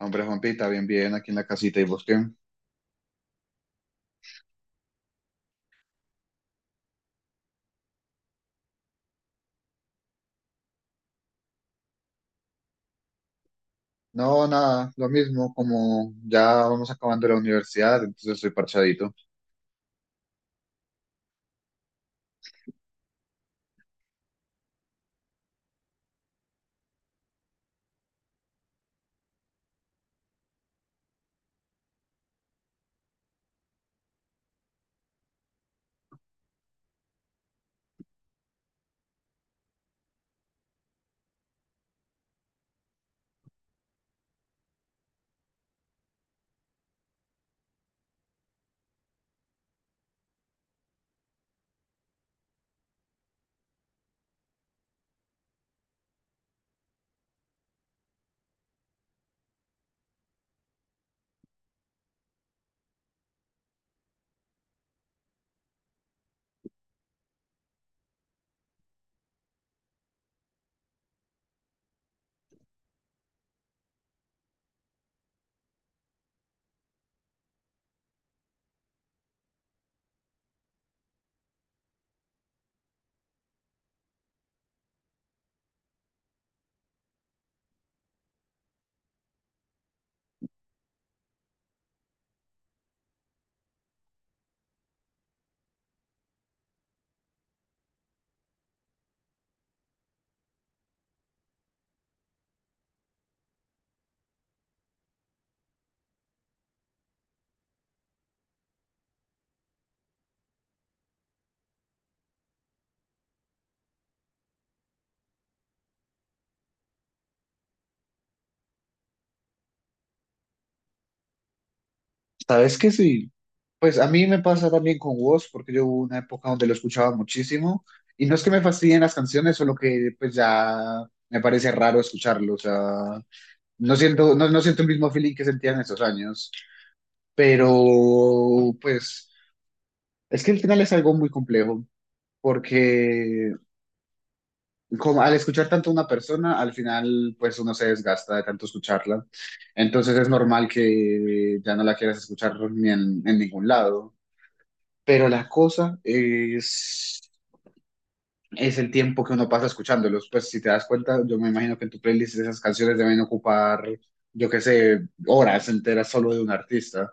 Hombre, Juanpita, bien, bien, aquí en la casita. ¿Y vos qué? No, nada, lo mismo. Como ya vamos acabando la universidad, entonces estoy parchadito. ¿Sabes qué? Sí, pues a mí me pasa también con Woz, porque yo hubo una época donde lo escuchaba muchísimo, y no es que me fastidien las canciones, solo que pues ya me parece raro escucharlo, o sea, no siento, no, no siento el mismo feeling que sentía en esos años, pero pues es que el final es algo muy complejo, porque como al escuchar tanto a una persona, al final pues uno se desgasta de tanto escucharla. Entonces es normal que ya no la quieras escuchar ni en, en ningún lado. Pero la cosa es el tiempo que uno pasa escuchándolos. Pues si te das cuenta, yo me imagino que en tu playlist esas canciones deben ocupar, yo qué sé, horas enteras solo de un artista.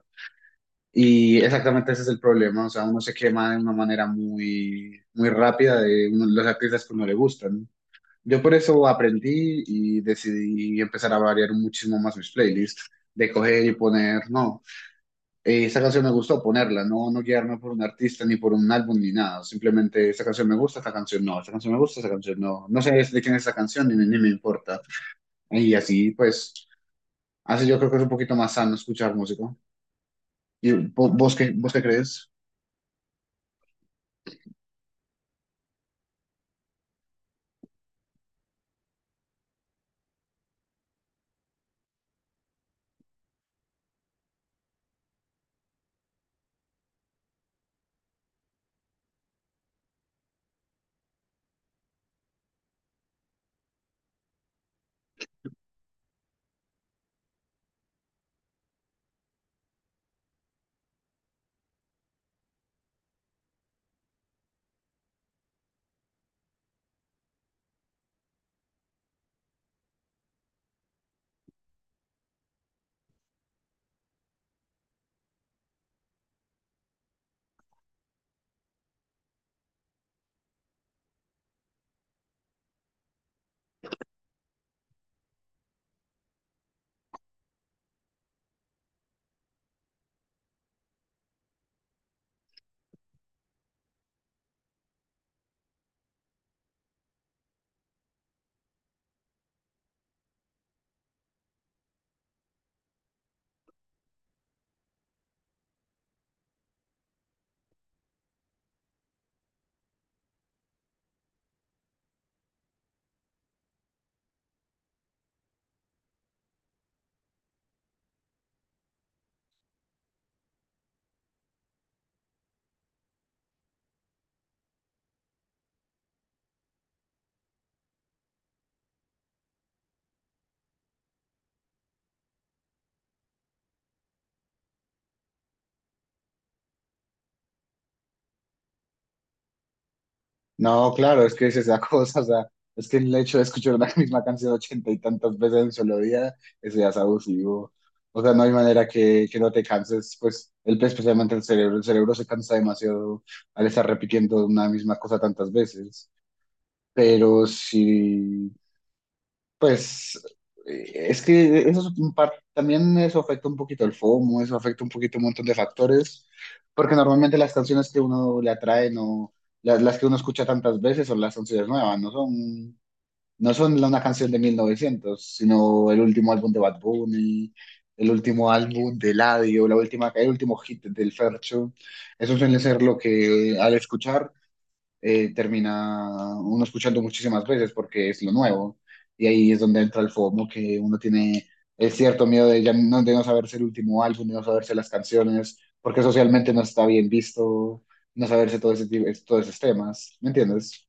Y exactamente ese es el problema, o sea, uno se quema de una manera muy, muy rápida de los artistas que no le gustan. Yo por eso aprendí y decidí empezar a variar muchísimo más mis playlists, de coger y poner, no, esa canción me gustó ponerla, no, no guiarme por un artista ni por un álbum ni nada, simplemente esa canción me gusta, esta canción no, esta canción me gusta, esta canción no, no sé de quién es esa canción ni, ni me importa. Y así pues, así yo creo que es un poquito más sano escuchar música. ¿Y vos qué crees? No, claro, es que es esa cosa, o sea, es que el hecho de escuchar la misma canción ochenta y tantas veces en un solo día, eso ya es abusivo. O sea, no hay manera que no te canses, pues, el, especialmente el cerebro se cansa demasiado al estar repitiendo una misma cosa tantas veces. Pero sí, pues es que eso es un también eso afecta un poquito el FOMO, eso afecta un poquito un montón de factores, porque normalmente las canciones que uno le atrae, no las, las que uno escucha tantas veces son las canciones nuevas, no son, no son una canción de 1900, sino el último álbum de Bad Bunny, el último álbum de Eladio, la última, el último hit del Fercho. Eso suele ser lo que al escuchar termina uno escuchando muchísimas veces porque es lo nuevo. Y ahí es donde entra el FOMO, que uno tiene el cierto miedo de, ya no, de no saberse el último álbum, de no saberse las canciones, porque socialmente no está bien visto, no saberse todo ese, todos esos temas. ¿Me entiendes?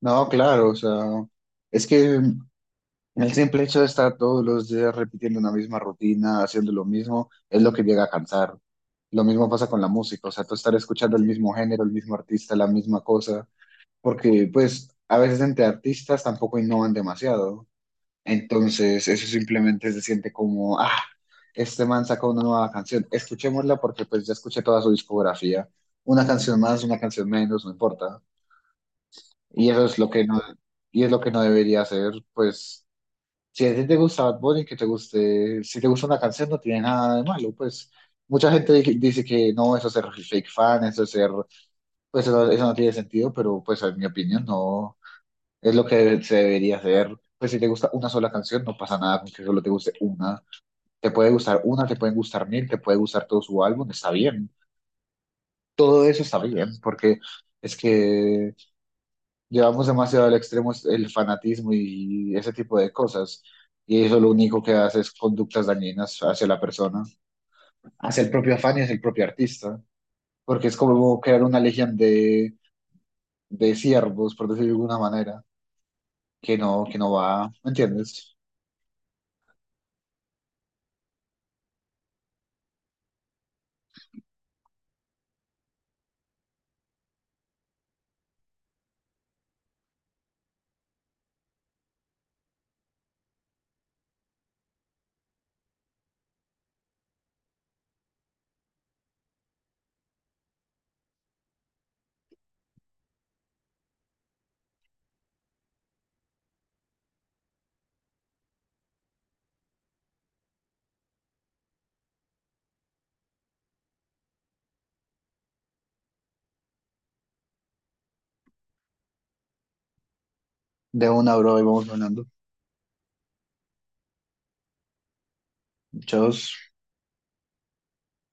No, claro, o sea, es que el simple hecho de estar todos los días repitiendo una misma rutina, haciendo lo mismo, es lo que llega a cansar. Lo mismo pasa con la música, o sea, tú estar escuchando el mismo género, el mismo artista, la misma cosa, porque pues a veces entre artistas tampoco innovan demasiado. Entonces eso simplemente se siente como, ah, este man sacó una nueva canción, escuchémosla porque pues ya escuché toda su discografía. Una canción más, una canción menos, no importa. Y eso es lo que no, y es lo que no debería hacer, pues si a ti te gusta Bad Bunny, que te guste, si te gusta una canción no tiene nada de malo, pues mucha gente dice que no, eso es ser fake fan, eso es ser, pues eso no tiene sentido, pero pues en mi opinión no. Es lo que se debería hacer. Pues si te gusta una sola canción, no pasa nada con que solo te guste una. Te puede gustar una, te pueden gustar mil, te puede gustar todo su álbum, está bien. Todo eso está bien, porque es que llevamos demasiado al extremo el fanatismo y ese tipo de cosas. Y eso lo único que hace es conductas dañinas hacia la persona, hacia el propio afán y hacia el propio artista. Porque es como crear una legión de siervos, por decirlo de alguna manera, que no va, ¿me entiendes? De una, bro, y vamos ganando. Muchos